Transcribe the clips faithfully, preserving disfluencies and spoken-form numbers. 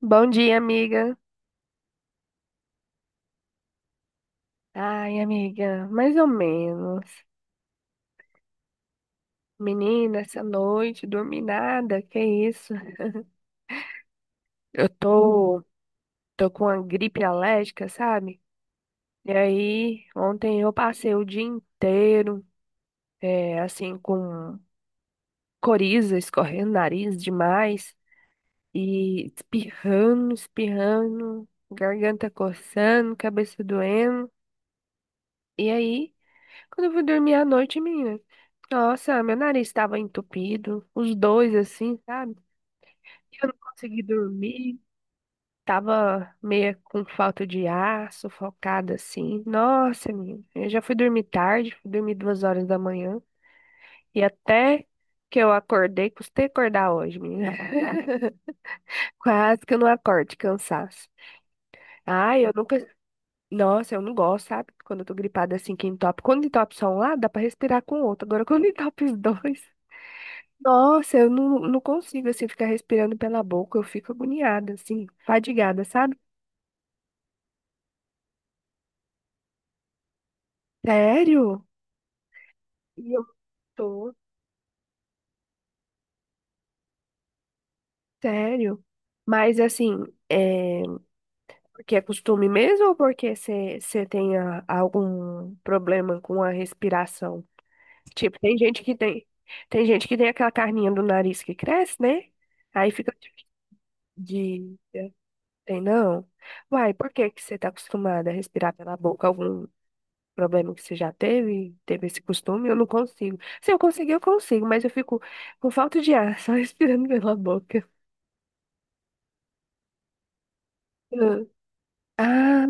Bom dia, amiga. Ai, amiga, mais ou menos. Menina, essa noite, dormi nada, que isso? Eu tô, tô com uma gripe alérgica, sabe? E aí, ontem eu passei o dia inteiro, é, assim, com coriza escorrendo, o nariz demais, e espirrando, espirrando, garganta coçando, cabeça doendo. E aí, quando eu fui dormir à noite, menina, nossa, meu nariz estava entupido, os dois assim, sabe? Eu não consegui dormir, tava meio com falta de ar, sufocada assim. Nossa, menina, eu já fui dormir tarde, fui dormir duas horas da manhã e até que eu acordei, custei acordar hoje, menina. Quase que eu não acordo de cansaço. Ai, eu nunca. Nossa, eu não gosto, sabe? Quando eu tô gripada assim, que entope. Quando entope só um lado, dá pra respirar com o outro. Agora, quando entope os dois. Nossa, eu não, não consigo, assim, ficar respirando pela boca. Eu fico agoniada, assim, fadigada, sabe? Sério? E eu tô, sério. Mas, assim, é... Porque é costume mesmo ou porque você tem a- algum problema com a respiração? Tipo, tem gente que tem... Tem gente que tem aquela carninha do nariz que cresce, né? Aí fica de... Tem não? Uai, por que que você tá acostumada a respirar pela boca? Algum problema que você já teve, teve esse costume, eu não consigo. Se eu conseguir, eu consigo, mas eu fico com falta de ar, só respirando pela boca. Ah, ah,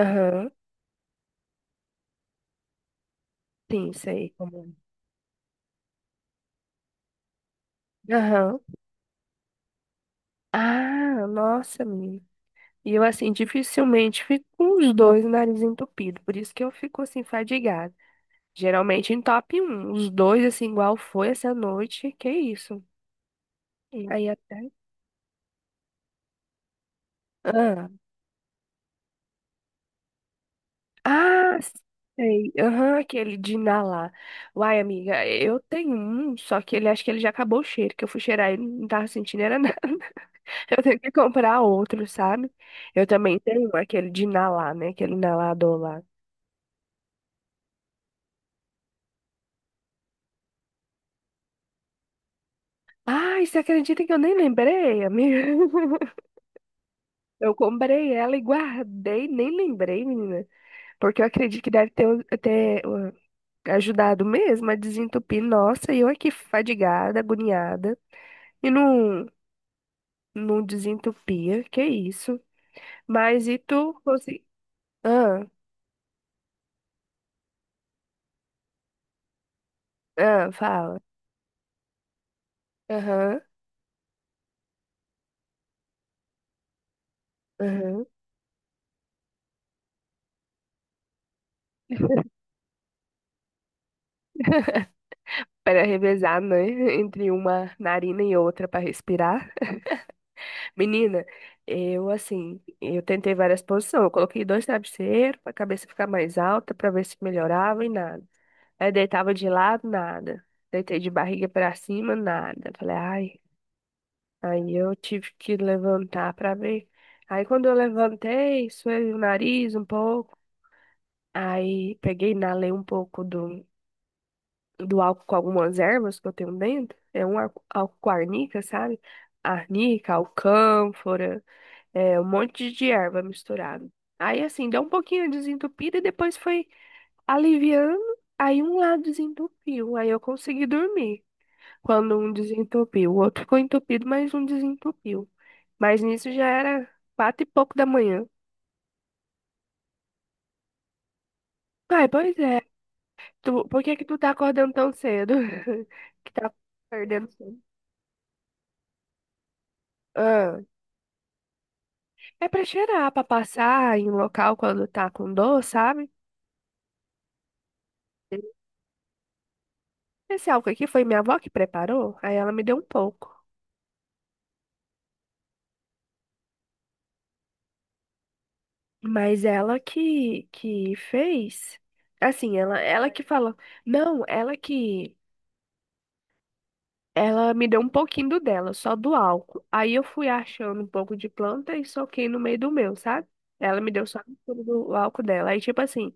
aham, sim, sei. Como- é. Aham. Ah, nossa, menina. E eu, assim, dificilmente fico com os dois nariz entupido, por isso que eu fico, assim, fadigada. Geralmente em top um os dois, assim, igual foi essa noite, que isso. E aí até... ah. Ah, sei. Aham, aquele de inalar. Uai, amiga, eu tenho um, só que ele acho que ele já acabou o cheiro, que eu fui cheirar e não tava sentindo era nada. Eu tenho que comprar outro, sabe? Eu também tenho um, aquele de inalar, né? Aquele inalador lá. Ai, você acredita que eu nem lembrei, amiga? Eu comprei ela e guardei, nem lembrei, menina. Porque eu acredito que deve ter, ter uh, ajudado mesmo a desentupir. Nossa, e eu aqui fadigada, agoniada. E não. Não desentupia, que isso. Mas e tu consegui... Ah, ah, fala. Aham, aham. Para revezar, né? Entre uma narina e outra para respirar. Menina, eu assim, eu tentei várias posições. Eu coloquei dois travesseiros para a cabeça ficar mais alta, para ver se melhorava e nada. Aí deitava de lado, nada. Deitei de barriga para cima, nada. Falei, ai. Aí eu tive que levantar para ver. Aí quando eu levantei, suei o nariz um pouco. Aí peguei e inalei um pouco do, do álcool com algumas ervas que eu tenho dentro. É um ar- álcool com arnica, sabe? Arnica, alcânfora, é, um monte de erva misturado. Aí assim, deu um pouquinho desentupida e depois foi aliviando. Aí um lado desentupiu, aí eu consegui dormir. Quando um desentupiu, o outro ficou entupido, mas um desentupiu. Mas nisso já era quatro e pouco da manhã. Ai, pois é. Tu, por que que tu tá acordando tão cedo? Que tá perdendo sono. Ah, é pra cheirar, pra passar em um local quando tá com dor, sabe? Esse álcool aqui foi minha avó que preparou, aí ela me deu um pouco. Mas ela que, que fez, assim, ela, ela que falou, não, ela que, ela me deu um pouquinho do dela, só do álcool. Aí eu fui achando um pouco de planta e soquei no meio do meu, sabe? Ela me deu só um pouco do álcool dela. Aí, tipo assim,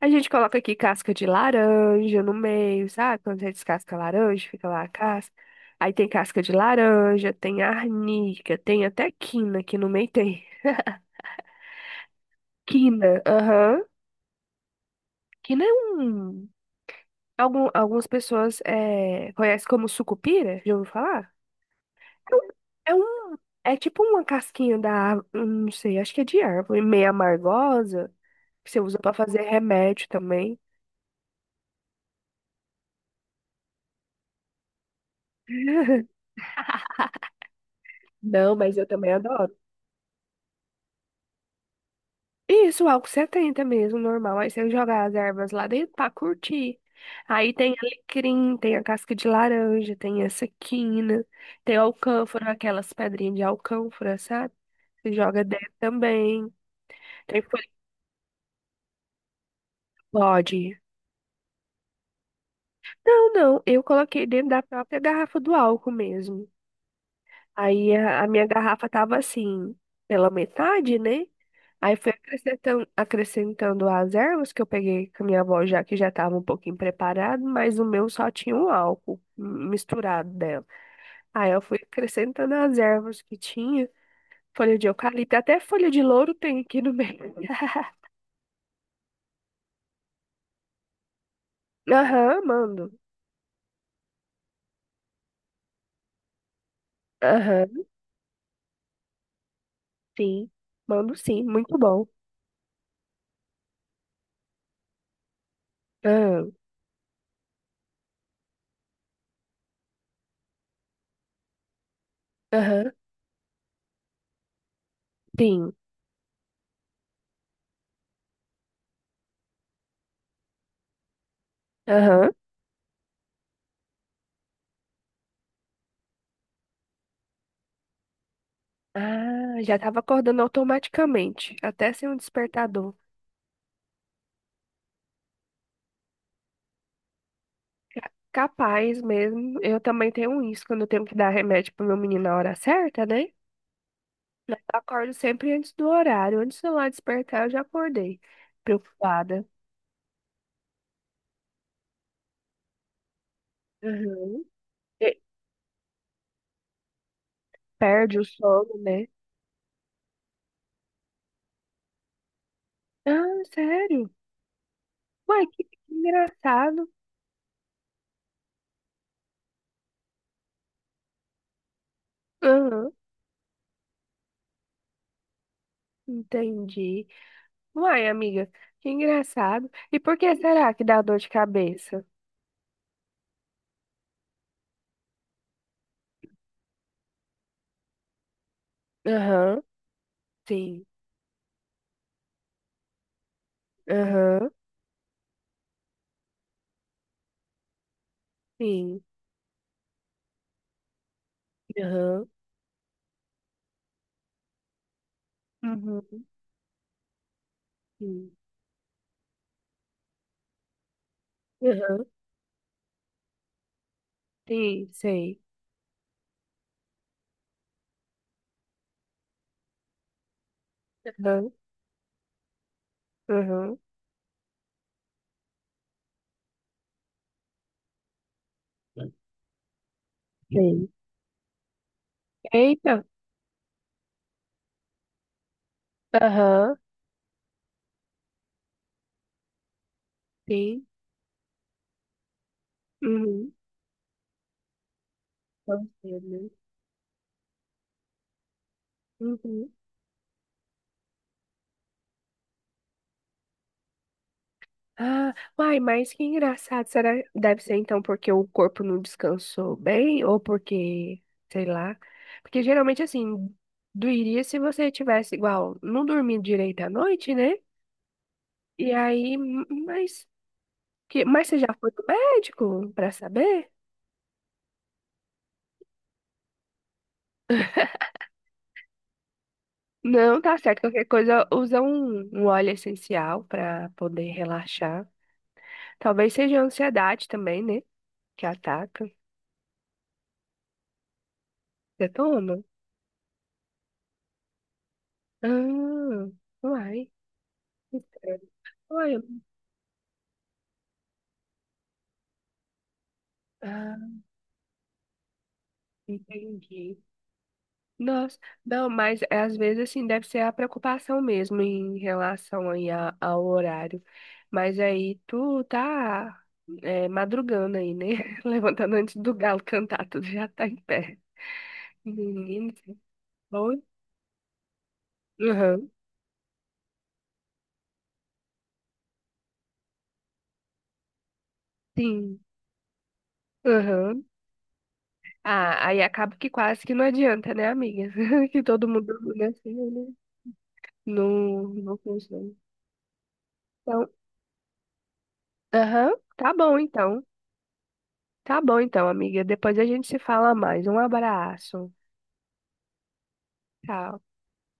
a gente coloca aqui casca de laranja no meio, sabe? Quando você descasca a laranja, fica lá a casca. Aí tem casca de laranja, tem arnica, tem até quina, que no meio tem. Quina, aham. Quina é um. Algum, algumas pessoas eh, conhecem como sucupira, já ouviu falar? É um. É um- é tipo uma casquinha da árvore, não sei, acho que é de árvore, meio amargosa, que você usa pra fazer remédio também. Não, mas eu também adoro. Isso, álcool setenta mesmo, normal. Aí você joga as ervas lá dentro pra curtir. Aí tem alecrim, tem a casca de laranja, tem essa quina, tem alcânfora, aquelas pedrinhas de alcânfora, sabe? Você joga dentro também. Tem folha de bode. Não, não, eu coloquei dentro da própria garrafa do álcool mesmo. Aí a, a minha garrafa tava assim, pela metade, né? Aí fui acrescentando, acrescentando as ervas que eu peguei com a minha avó, já que já estava um pouquinho preparado, mas o meu só tinha um álcool hum, misturado dela. Aí eu fui acrescentando as ervas que tinha, folha de eucalipto, até folha de louro tem aqui no meio. Aham, mando. Aham, sim. Mando sim, muito bom. Aham, aham, sim. Aham. Ah, já estava acordando automaticamente, até sem um despertador. Capaz mesmo. Eu também tenho isso, quando eu tenho que dar remédio pro meu menino na hora certa, né? Eu acordo sempre antes do horário. Antes do lá despertar, eu já acordei. Preocupada. Uhum. E perde o sono, né? Ah, sério? Uai, que que engraçado. Aham, entendi. Uai, amiga, que engraçado. E por que será que dá dor de cabeça? Aham, sim. Aham, sim. Aham, uhum, sim. Aham, sim, sei. Aham, aham, sim. Eita, aham, sim, uhum. Vamos ver, né? Uhum. Ah, uai, mas que engraçado. Será deve ser então porque o corpo não descansou bem ou porque, sei lá. Porque geralmente assim, doeria se você tivesse igual, não dormindo direito à noite, né? E aí, m- mas que, mas você já foi pro médico pra saber? Não, tá certo. Qualquer coisa, usa um, um óleo essencial pra poder relaxar. Talvez seja a ansiedade também, né? Que ataca. Você toma? Ah, uai. Que estranho. Uai, eu- ah, entendi. Nossa, não, mas é, às vezes assim deve ser a preocupação mesmo em relação aí a- ao horário. Mas aí tu tá é, madrugando aí, né? Levantando antes do galo cantar, tu já tá em pé. Menino, bom. Aham, sim. Aham. Ah, aí acaba que quase que não adianta, né, amiga? Que todo mundo né, assim, né? Não, não funciona. Então, aham, tá bom então. Tá bom então, amiga. Depois a gente se fala mais. Um abraço. Tchau.